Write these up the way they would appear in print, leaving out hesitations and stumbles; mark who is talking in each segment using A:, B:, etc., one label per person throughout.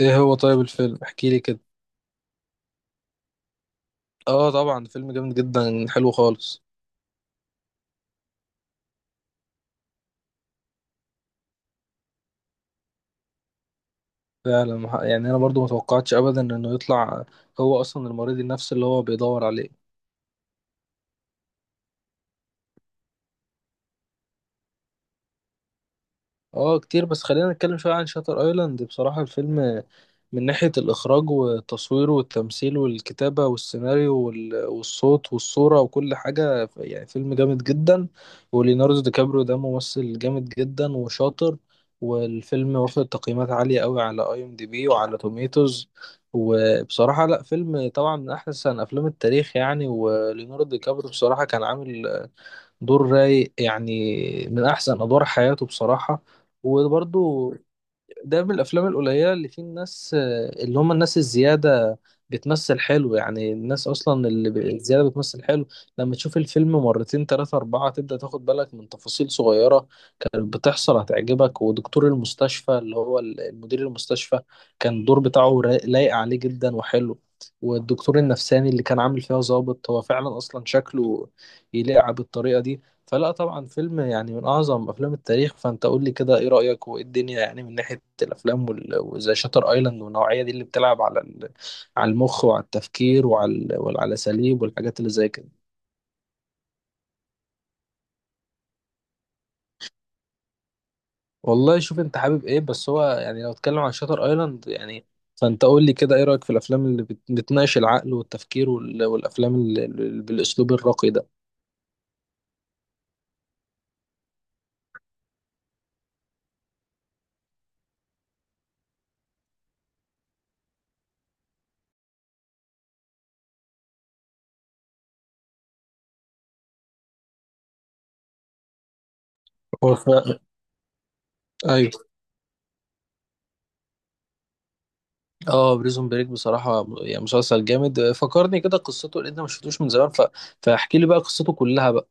A: ايه هو؟ طيب الفيلم، احكي لي كده. اه، طبعا فيلم جامد جدا، حلو خالص. فعلا، يعني انا برضو ما توقعتش ابدا انه يطلع. هو اصلا المريض النفسي اللي هو بيدور عليه. اه، كتير. بس خلينا نتكلم شوية عن شاتر ايلاند. بصراحة الفيلم من ناحية الإخراج والتصوير والتمثيل والكتابة والسيناريو والصوت والصورة وكل حاجة، يعني فيلم جامد جدا. وليوناردو دي كابريو ده ممثل جامد جدا وشاطر. والفيلم واخد تقييمات عالية قوي على IMDb وعلى توميتوز. وبصراحة، لا، فيلم طبعا من أحسن أفلام التاريخ يعني. وليوناردو دي كابريو بصراحة كان عامل دور رايق، يعني من احسن ادوار حياته بصراحه. وبرضو ده من الافلام القليله اللي فيه الناس، اللي هم الناس الزياده، بتمثل حلو. يعني الناس اصلا اللي الزياده بتمثل حلو. لما تشوف الفيلم مرتين تلاتة اربعة تبدا تاخد بالك من تفاصيل صغيره كانت بتحصل، هتعجبك. ودكتور المستشفى اللي هو المدير المستشفى، كان الدور بتاعه لايق عليه جدا وحلو. والدكتور النفساني اللي كان عامل فيها ظابط، هو فعلا اصلا شكله يليق بالطريقه دي. فلا، طبعا فيلم يعني من أعظم أفلام التاريخ. فأنت قول لي كده، إيه رأيك وإيه الدنيا يعني من ناحية الأفلام، وزي شاتر أيلاند والنوعية دي اللي بتلعب على على المخ وعلى التفكير وعلى الأساليب والحاجات اللي زي كده. والله شوف أنت حابب إيه؟ بس هو يعني لو اتكلم عن شاتر أيلاند يعني. فأنت قول لي كده، إيه رأيك في الأفلام اللي بتناقش العقل والتفكير والأفلام اللي بالأسلوب الراقي ده؟ هو أيوه. اه، بريزون بريك بصراحة يعني مسلسل جامد، فكرني كده قصته لان انا ما شفتوش من زمان فاحكي لي بقى قصته كلها بقى.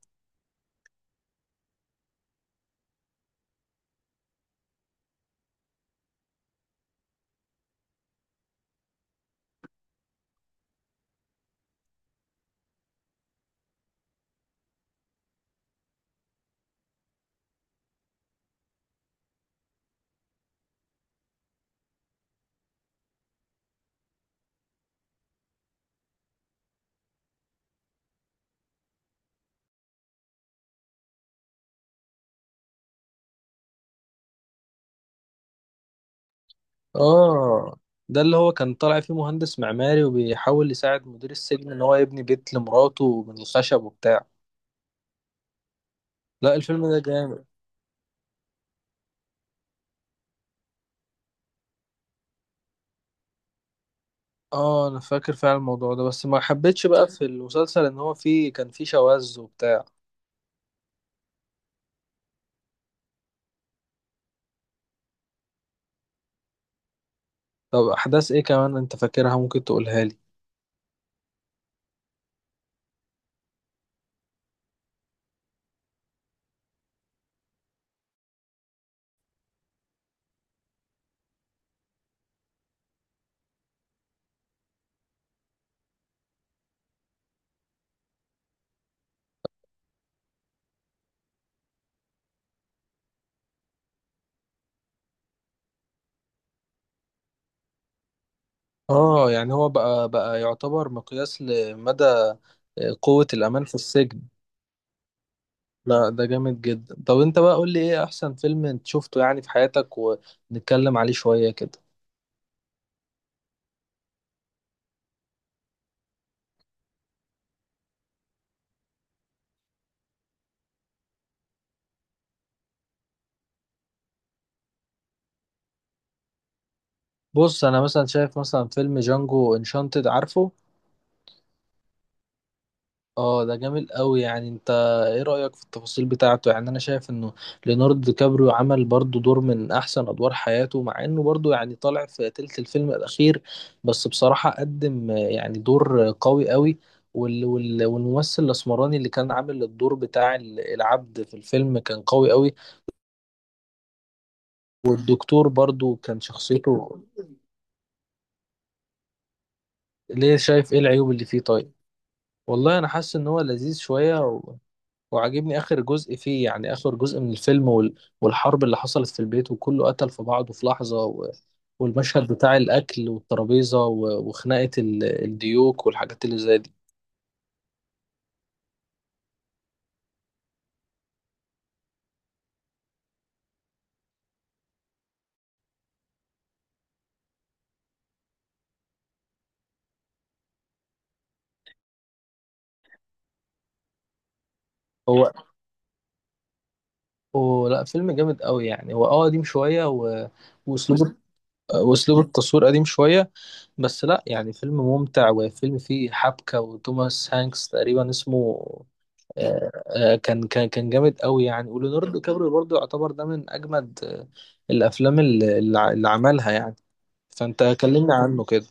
A: اه، ده اللي هو كان طالع فيه مهندس معماري، وبيحاول يساعد مدير السجن ان هو يبني بيت لمراته من الخشب وبتاع. لا، الفيلم ده جامد. اه، انا فاكر فعلا الموضوع ده، بس ما حبيتش بقى في المسلسل ان هو فيه كان فيه شواذ وبتاع. طب احداث ايه كمان انت فاكرها؟ ممكن تقولها لي. اه، يعني هو بقى يعتبر مقياس لمدى قوة الأمان في السجن. لا، ده جامد جدا. طب انت بقى قول لي، ايه احسن فيلم انت شفته يعني في حياتك؟ ونتكلم عليه شوية كده. بص، انا مثلا شايف مثلا فيلم جانجو انشانتد، عارفه؟ اه، ده جامد قوي يعني. انت ايه رأيك في التفاصيل بتاعته؟ يعني انا شايف انه ليوناردو دي كابريو عمل برضو دور من احسن ادوار حياته، مع انه برضو يعني طالع في تلت الفيلم الاخير. بس بصراحة قدم يعني دور قوي قوي. والممثل الاسمراني اللي كان عامل الدور بتاع العبد في الفيلم كان قوي قوي. والدكتور برضو كان شخصيته. ليه؟ شايف ايه العيوب اللي فيه؟ طيب. والله انا حاسس ان هو لذيذ شوية وعاجبني اخر جزء فيه، يعني اخر جزء من الفيلم والحرب اللي حصلت في البيت، وكله قتل في بعضه في لحظة والمشهد بتاع الاكل والترابيزة وخناقة الديوك والحاجات اللي زي دي. هو هو لا، فيلم جامد قوي يعني. هو اه، قديم شوية واسلوب واسلوب التصوير قديم شوية. بس لا، يعني فيلم ممتع، وفيلم فيه حبكة. وتوماس هانكس تقريبا اسمه. كان جامد قوي يعني. وليوناردو كابريو برضه يعتبر ده من أجمد الأفلام اللي عملها يعني. فأنت كلمنا عنه كده.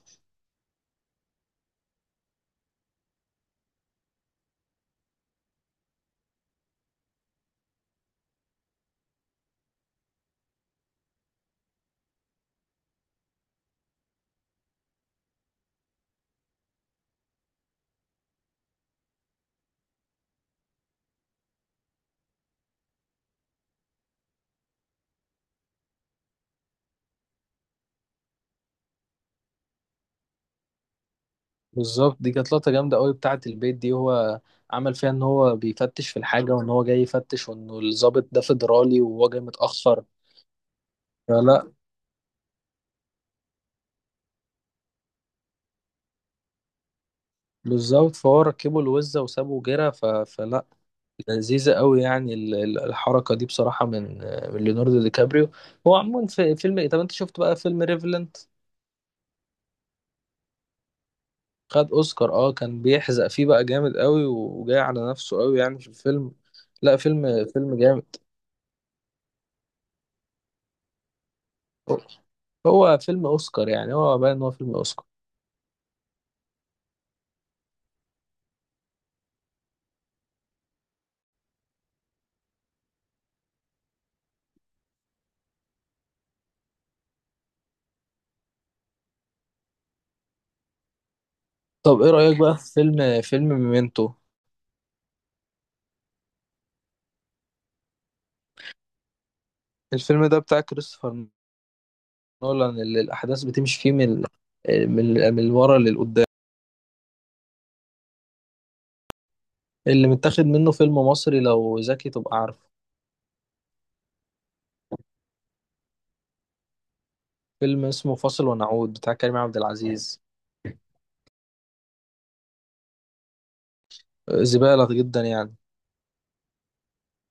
A: بالظبط، دي كانت لقطة جامدة قوي بتاعة البيت دي. هو عمل فيها إن هو بيفتش في الحاجة، وإن هو جاي يفتش، وإنه الضابط ده فيدرالي وهو جاي متأخر. فلا. بالظبط، فهو ركبوا الوزة وسابوا جرة، فلا، لذيذة قوي يعني. الحركة دي بصراحة من ليوناردو دي كابريو. هو عموما في فيلم ايه، طب انت شفت بقى فيلم ريفلنت؟ خد اوسكار اه، كان بيحزق فيه بقى جامد قوي، وجاي على نفسه قوي يعني في الفيلم. لا، فيلم جامد. هو فيلم اوسكار يعني، هو باين ان هو فيلم اوسكار. طب ايه رأيك بقى في فيلم ميمنتو؟ الفيلم ده بتاع كريستوفر نولان، اللي الاحداث بتمشي فيه من من ورا للقدام. اللي متاخد منه فيلم مصري، لو ذكي تبقى عارفه. فيلم اسمه فاصل ونعود بتاع كريم عبد العزيز. زبالة جدا يعني.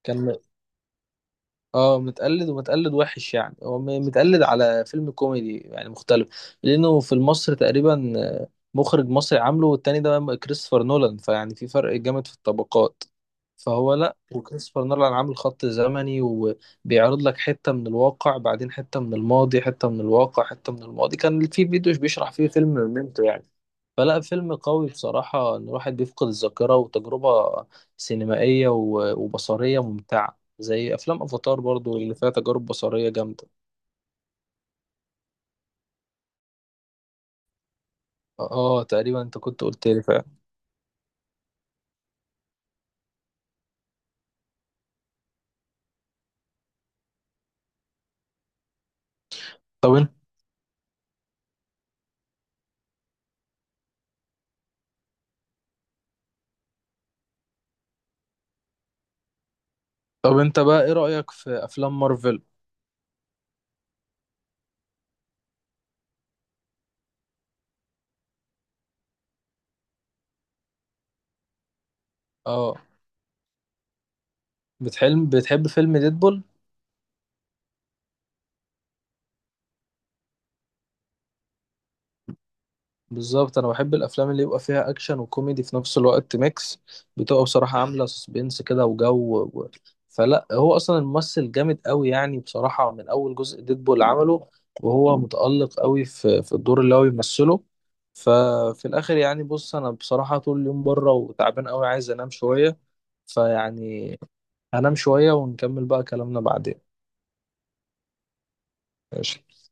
A: كان م- اه، متقلد ومتقلد وحش يعني. هو متقلد على فيلم كوميدي يعني مختلف، لأنه في المصري تقريبا مخرج مصري عامله، والتاني ده كريستوفر نولان، فيعني في فرق جامد في الطبقات. فهو لا، وكريستوفر نولان عامل خط زمني، وبيعرض لك حتة من الواقع بعدين حتة من الماضي، حتة من الواقع حتة من الماضي. كان في فيديو بيشرح فيه فيلم ميمتو يعني. فلا، فيلم قوي بصراحة، إن الواحد بيفقد الذاكرة، وتجربة سينمائية وبصرية ممتعة، زي أفلام أفاتار برضو اللي فيها تجارب بصرية جامدة. آه، تقريبا أنت كنت قلت لي فعلا. طب أنت طب أنت بقى إيه رأيك في أفلام مارفل؟ آه، بتحب فيلم ديدبول؟ بالظبط، انا بحب الافلام اللي يبقى فيها اكشن وكوميدي في نفس الوقت، ميكس. بتبقى بصراحه عامله سسبنس كده وجو فلا، هو اصلا الممثل جامد قوي، يعني بصراحه من اول جزء ديدبول عمله. وهو متالق قوي في الدور اللي هو بيمثله. ففي الاخر يعني، بص انا بصراحه طول اليوم بره وتعبان قوي، عايز انام شويه فيعني هنام شويه ونكمل بقى كلامنا بعدين. ماشي.